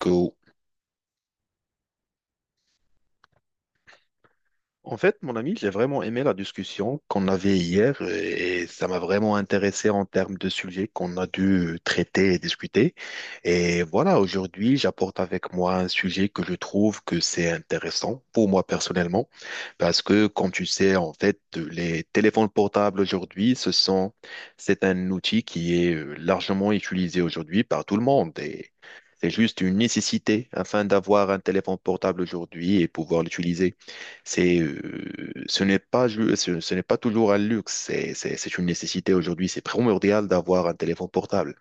Cool. En fait, mon ami, j'ai vraiment aimé la discussion qu'on avait hier et ça m'a vraiment intéressé en termes de sujets qu'on a dû traiter et discuter. Et voilà, aujourd'hui, j'apporte avec moi un sujet que je trouve que c'est intéressant pour moi personnellement parce que, comme tu sais, en fait, les téléphones portables aujourd'hui, c'est un outil qui est largement utilisé aujourd'hui par tout le monde et c'est juste une nécessité afin d'avoir un téléphone portable aujourd'hui et pouvoir l'utiliser. C'est, ce n'est pas, ce, n'est pas toujours un luxe, c'est une nécessité aujourd'hui. C'est primordial d'avoir un téléphone portable.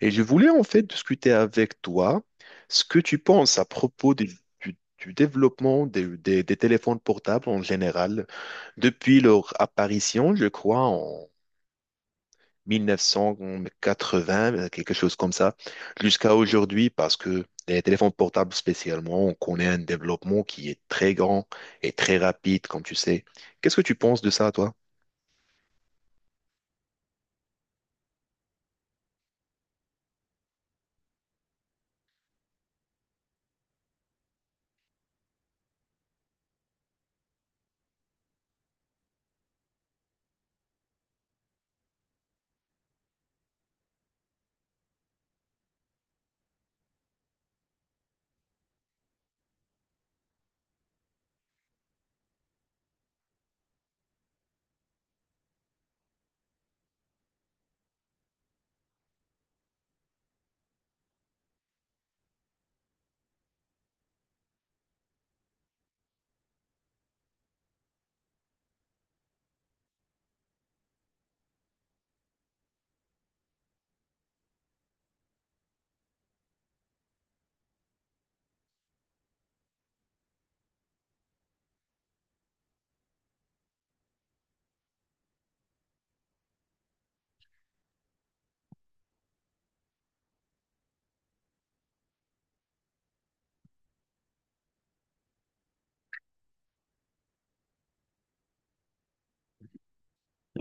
Et je voulais en fait discuter avec toi ce que tu penses à propos du développement des téléphones portables en général depuis leur apparition, je crois, 1980, quelque chose comme ça, jusqu'à aujourd'hui, parce que les téléphones portables spécialement, on connaît un développement qui est très grand et très rapide, comme tu sais. Qu'est-ce que tu penses de ça, toi?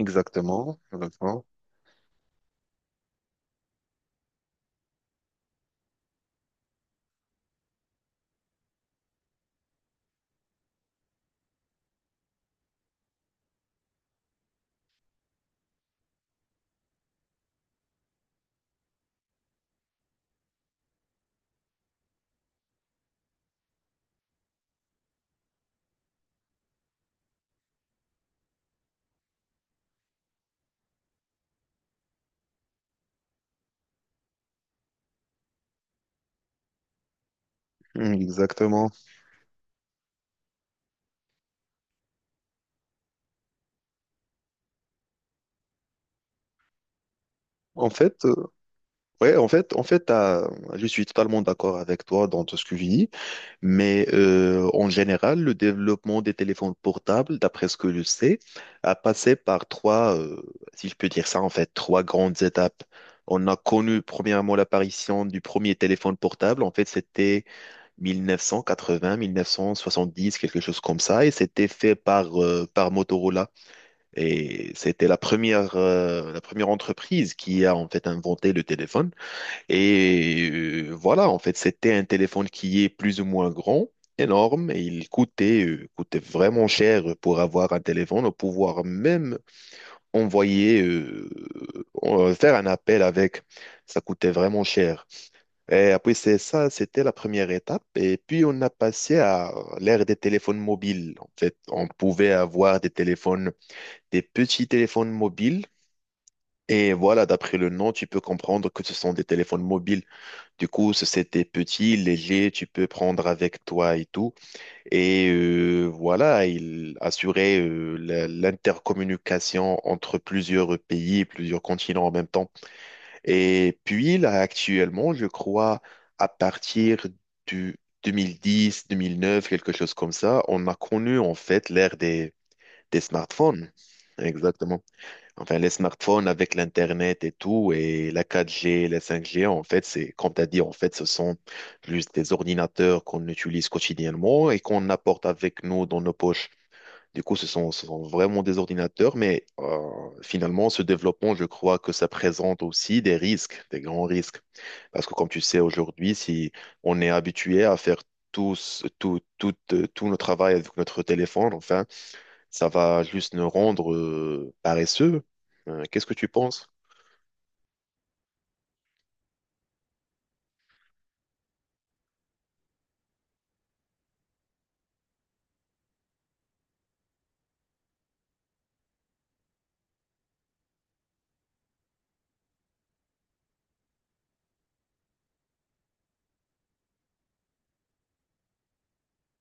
Exactement, exactement. Mm, exactement. En fait, ouais, en fait, je suis totalement d'accord avec toi dans tout ce que tu dis. Mais en général, le développement des téléphones portables, d'après ce que je sais, a passé par trois, si je peux dire ça, en fait, trois grandes étapes. On a connu premièrement l'apparition du premier téléphone portable. En fait, c'était 1980, 1970, quelque chose comme ça. Et c'était fait par Motorola. Et c'était la première entreprise qui a en fait inventé le téléphone. Et voilà, en fait, c'était un téléphone qui est plus ou moins grand, énorme, et il coûtait vraiment cher pour avoir un téléphone, pouvoir même envoyer, euh, faire un appel avec. Ça coûtait vraiment cher. Et après, c'est ça, c'était la première étape. Et puis, on a passé à l'ère des téléphones mobiles. En fait, on pouvait avoir des petits téléphones mobiles. Et voilà, d'après le nom, tu peux comprendre que ce sont des téléphones mobiles. Du coup, c'était petit, léger, tu peux prendre avec toi et tout. Et voilà, il assurait l'intercommunication entre plusieurs pays, plusieurs continents en même temps. Et puis là, actuellement, je crois, à partir du 2010, 2009, quelque chose comme ça, on a connu en fait l'ère des smartphones. Exactement. Enfin, les smartphones avec l'Internet et tout, et la 4G, la 5G, en fait, comme tu as dit, en fait, ce sont juste des ordinateurs qu'on utilise quotidiennement et qu'on apporte avec nous dans nos poches. Du coup, ce sont vraiment des ordinateurs, mais finalement, ce développement, je crois que ça présente aussi des risques, des grands risques. Parce que comme tu sais, aujourd'hui, si on est habitué à faire tout notre travail avec notre téléphone, enfin, ça va juste nous rendre paresseux. Qu'est-ce que tu penses?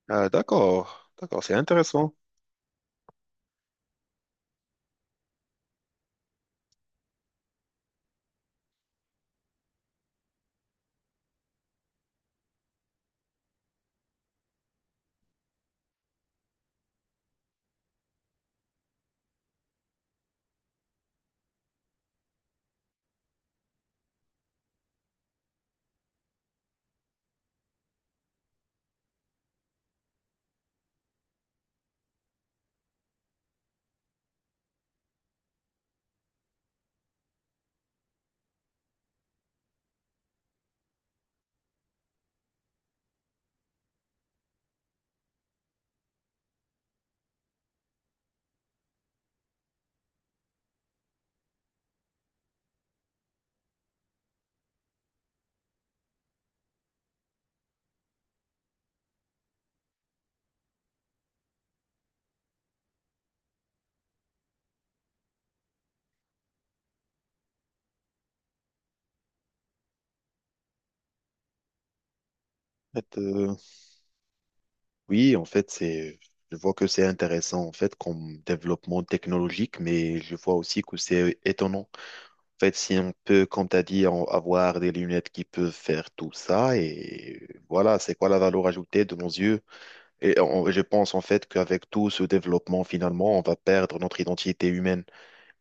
Ah, d'accord, d'accord, c'est intéressant. En fait, oui, en fait, je vois que c'est intéressant en fait comme développement technologique, mais je vois aussi que c'est étonnant. En fait, si on peut, comme tu as dit, avoir des lunettes qui peuvent faire tout ça, et voilà, c'est quoi la valeur ajoutée de nos yeux? Et je pense en fait qu'avec tout ce développement, finalement, on va perdre notre identité humaine.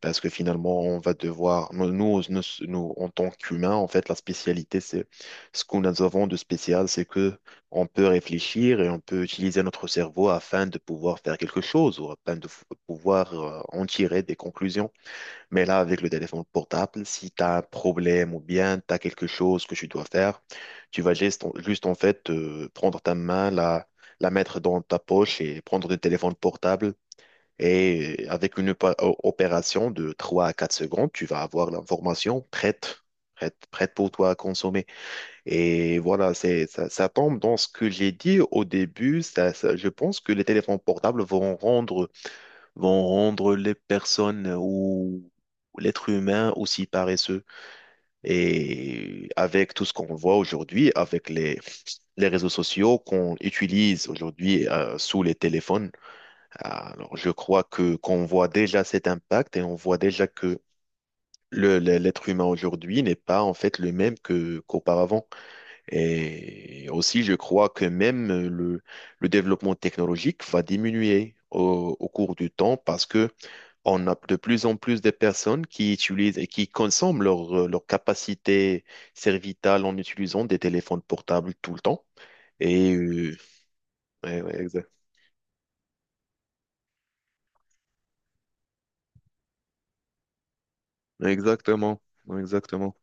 Parce que finalement, on va devoir, nous, en tant qu'humains, en fait, la spécialité, c'est ce que nous avons de spécial, c'est que on peut réfléchir et on peut utiliser notre cerveau afin de pouvoir faire quelque chose ou afin de pouvoir en tirer des conclusions. Mais là, avec le téléphone portable, si tu as un problème ou bien tu as quelque chose que tu dois faire, tu vas juste en fait, prendre ta main, la mettre dans ta poche et prendre le téléphone portable et avec une opération de 3 à 4 secondes, tu vas avoir l'information prête, prête, prête pour toi à consommer. Et voilà, ça tombe dans ce que j'ai dit au début. Je pense que les téléphones portables vont rendre, les personnes ou l'être humain aussi paresseux. Et avec tout ce qu'on voit aujourd'hui, avec les réseaux sociaux qu'on utilise aujourd'hui sous les téléphones, alors, je crois que qu'on voit déjà cet impact et on voit déjà que l'être humain aujourd'hui n'est pas en fait le même que qu'auparavant. Et aussi, je crois que même le développement technologique va diminuer au cours du temps parce que on a de plus en plus de personnes qui utilisent et qui consomment leur capacité cervicale en utilisant des téléphones portables tout le temps. Et ouais, ouais, exactement, exactement.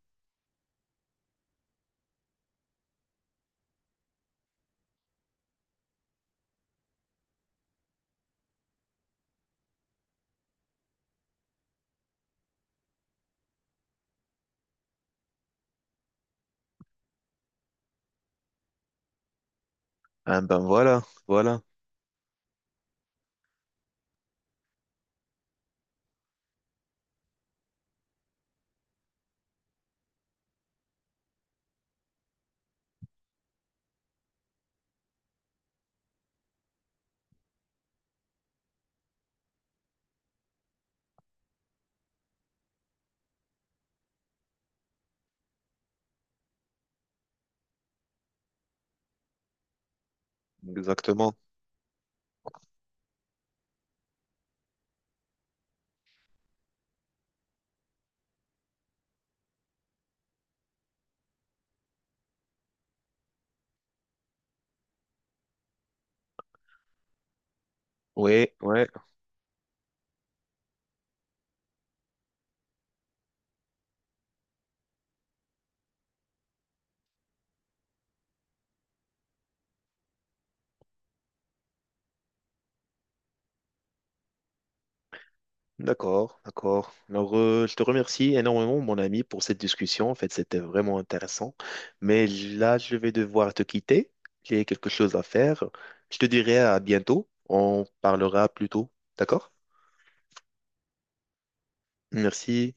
Ah ben voilà, voilà. Exactement. Oui, ouais, d'accord, d'accord. Alors, je te remercie énormément, mon ami, pour cette discussion. En fait, c'était vraiment intéressant. Mais là, je vais devoir te quitter. J'ai quelque chose à faire. Je te dirai à bientôt. On parlera plus tôt. D'accord? Merci.